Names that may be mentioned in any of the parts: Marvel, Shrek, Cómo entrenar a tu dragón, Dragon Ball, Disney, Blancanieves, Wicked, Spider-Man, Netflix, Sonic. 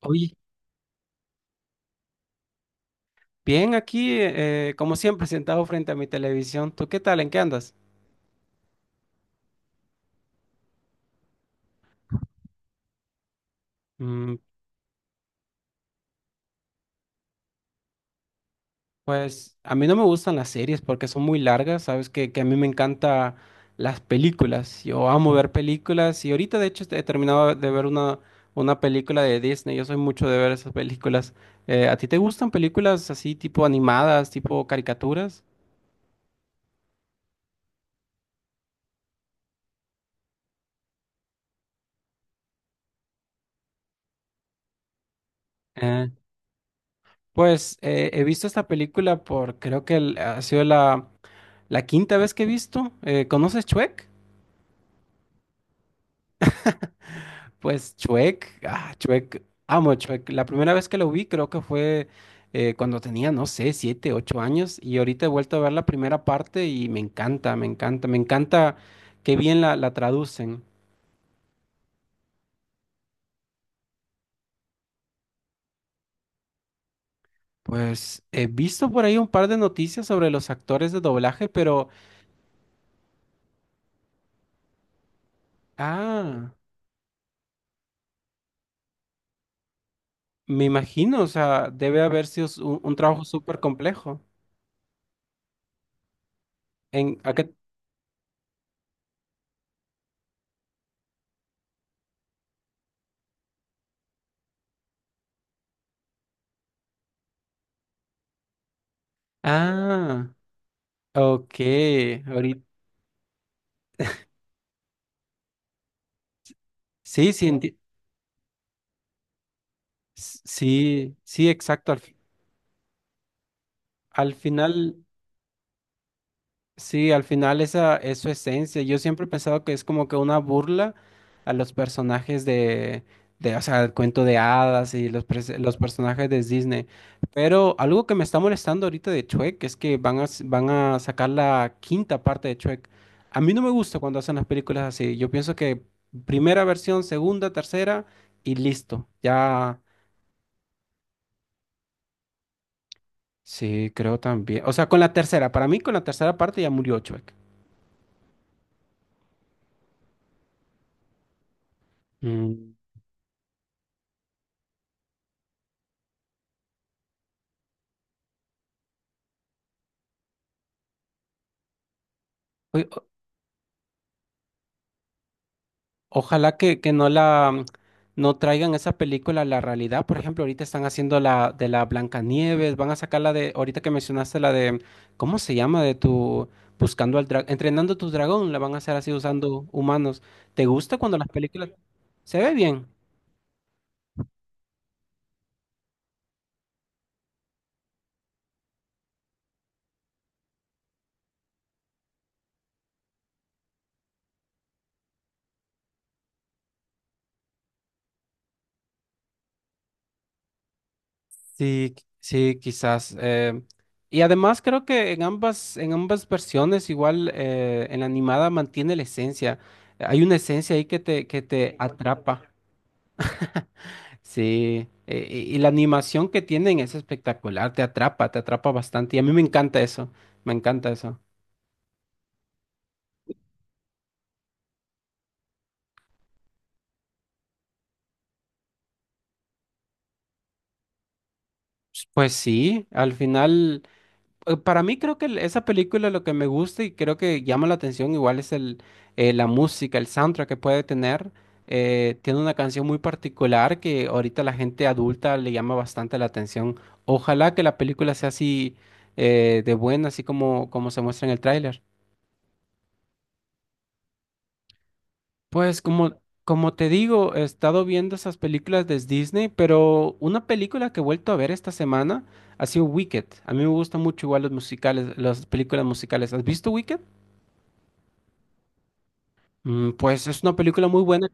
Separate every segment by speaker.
Speaker 1: Oye, bien aquí, como siempre, sentado frente a mi televisión. ¿Tú qué tal? ¿En qué andas? Mm, pues a mí no me gustan las series porque son muy largas, sabes que a mí me encantan las películas. Yo amo ver películas y ahorita de hecho he terminado de ver una película de Disney. Yo soy mucho de ver esas películas. ¿A ti te gustan películas así tipo animadas, tipo caricaturas? Eh, He visto esta película por creo que ha sido la quinta vez que he visto. ¿Conoces Shrek? Pues Chuek, ah, Chuek, amo a Chuek. La primera vez que lo vi creo que fue cuando tenía, no sé, siete, ocho años y ahorita he vuelto a ver la primera parte y me encanta, me encanta, me encanta qué bien la traducen. Pues he visto por ahí un par de noticias sobre los actores de doblaje, pero, ah, me imagino, o sea, debe haber sido un trabajo súper complejo. En, ¿a qué- Ah, ok, ahorita. Sí, sí, Sí, sí, exacto. Al final, sí, al final esa es su esencia. Yo siempre he pensado que es como que una burla a los personajes de, o sea, el cuento de hadas y los personajes de Disney. Pero algo que me está molestando ahorita de Shrek es que van a sacar la quinta parte de Shrek. A mí no me gusta cuando hacen las películas así. Yo pienso que primera versión, segunda, tercera y listo. Ya, sí, creo también. O sea, con la tercera, para mí con la tercera parte ya murió Shrek. Mm. Ojalá que no la no traigan esa película a la realidad. Por ejemplo, ahorita están haciendo la de la Blancanieves, van a sacar la de, ahorita que mencionaste la de, ¿cómo se llama? De tu buscando al dragón, entrenando a tu dragón, la van a hacer así usando humanos. ¿Te gusta cuando las películas se ve bien? Sí, sí, quizás. Y además creo que en ambas versiones, igual en la animada mantiene la esencia. Hay una esencia ahí que te atrapa. Sí, y la animación que tienen es espectacular, te atrapa bastante y a mí me encanta eso, me encanta eso. Pues sí, al final, para mí creo que esa película lo que me gusta y creo que llama la atención igual es la música, el soundtrack que puede tener. Tiene una canción muy particular que ahorita la gente adulta le llama bastante la atención. Ojalá que la película sea así de buena, así como se muestra en el tráiler. Pues como te digo, he estado viendo esas películas de Disney, pero una película que he vuelto a ver esta semana ha sido Wicked. A mí me gustan mucho igual los musicales, las películas musicales. ¿Has visto Wicked? Mm, pues es una película muy buena.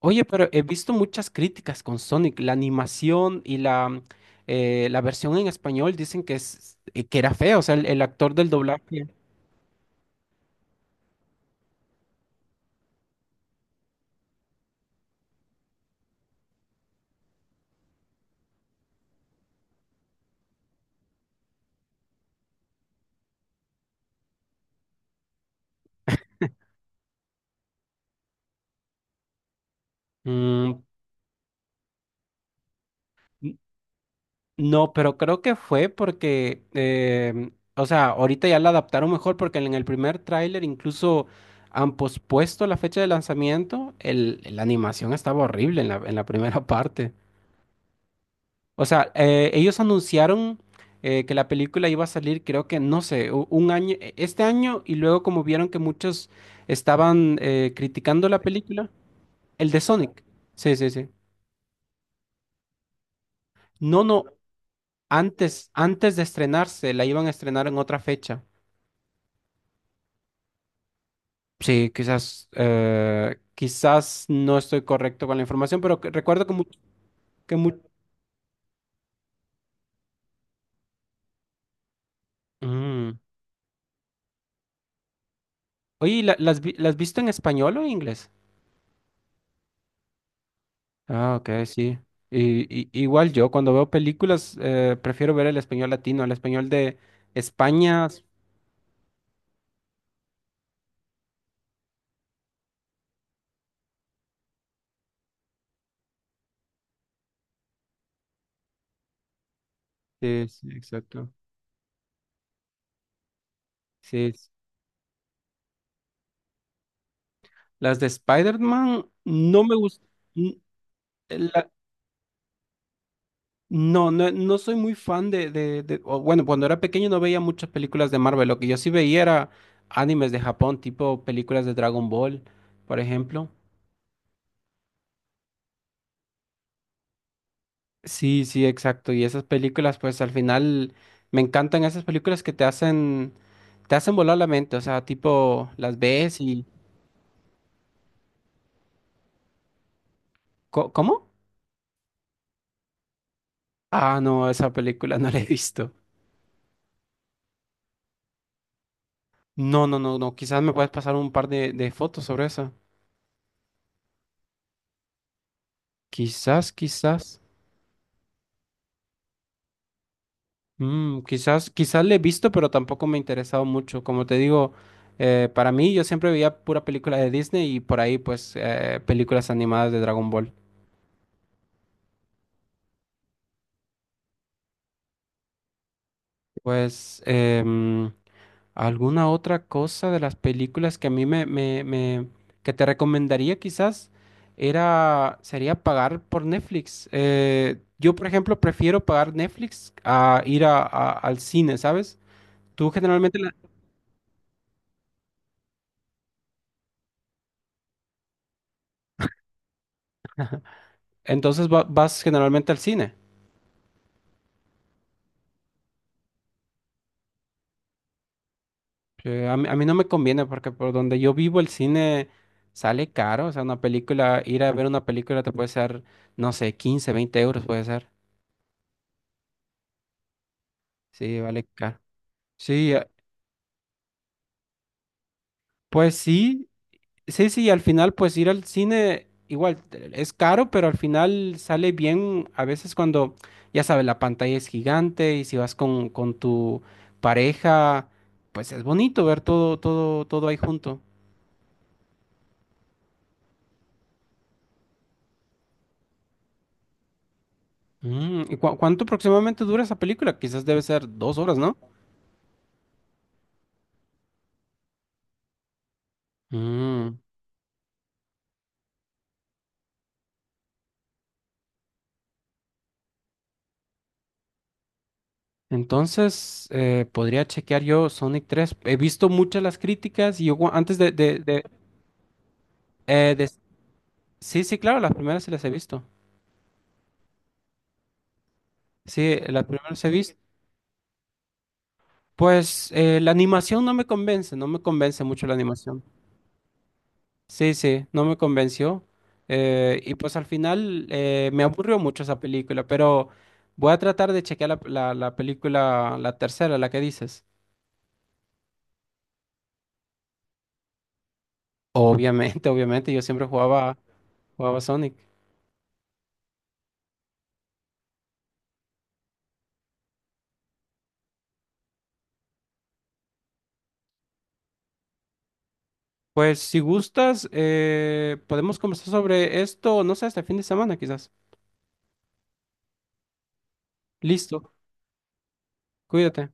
Speaker 1: Oye, pero he visto muchas críticas con Sonic. La animación y la versión en español dicen que, es, que era fea, o sea, el actor del doblaje. Mm. No, pero creo que fue porque, em, o sea, ahorita ya la adaptaron mejor porque en el primer tráiler incluso han pospuesto la fecha de lanzamiento. El, la animación estaba horrible en en la primera parte. O sea, ellos anunciaron que la película iba a salir, creo que, no sé, un año, este año y luego como vieron que muchos estaban criticando la película, el de Sonic. Sí, sí, sí. No, no, antes de estrenarse, la iban a estrenar en otra fecha. Sí, quizás, quizás no estoy correcto con la información, pero recuerdo que, que mu- Mm. Oye, ¿y ¿las visto en español o en inglés? Ah, ok, sí. Y, igual yo, cuando veo películas, prefiero ver el español latino, el español de España. Sí, sí, exacto. Sí. Las de Spider-Man no me gustan. No, no, no soy muy fan de, o bueno, cuando era pequeño no veía muchas películas de Marvel. Lo que yo sí veía era animes de Japón, tipo películas de Dragon Ball, por ejemplo. Sí, sí, exacto. Y esas películas, pues al final me encantan esas películas te hacen volar la mente. O sea, tipo, las ves y... ¿Cómo? Ah, no, esa película no la he visto. No, no, no, no. Quizás me puedes pasar un par de fotos sobre eso. Quizás, quizás. Mm, quizás, quizás le he visto, pero tampoco me ha interesado mucho. Como te digo, para mí yo siempre veía pura película de Disney y por ahí pues películas animadas de Dragon Ball. Pues em, alguna otra cosa de las películas que a mí me, me, me- que te recomendaría quizás era sería pagar por Netflix. Yo por ejemplo prefiero pagar Netflix a ir al cine, ¿sabes? Tú generalmente la- entonces vas generalmente al cine. A mí no me conviene porque por donde yo vivo el cine sale caro. O sea, una película, ir a ver una película te puede ser, no sé, 15 20 euros puede ser. Sí, vale caro. Sí, pues sí, sí, sí, al final pues ir al cine igual es caro, pero al final sale bien a veces cuando, ya sabes, la pantalla es gigante y si vas con tu pareja, pues es bonito ver todo, todo, todo ahí junto. Mm, ¿y cuánto aproximadamente dura esa película? Quizás debe ser 2 horas, ¿no? Mm. Entonces, podría chequear yo Sonic 3. He visto muchas las críticas y yo cua- antes de- Sí, sí, claro, las primeras se las he visto. Sí, las primeras he visto. Pues la animación no me convence, no me convence mucho la animación. Sí, sí, no me convenció. Y pues al final me aburrió mucho esa película, pero voy a tratar de chequear la película, la tercera, la que dices. Obviamente, obviamente, yo siempre jugaba Sonic. Pues si gustas, podemos conversar sobre esto, no sé, este fin de semana quizás. Listo, cuídate.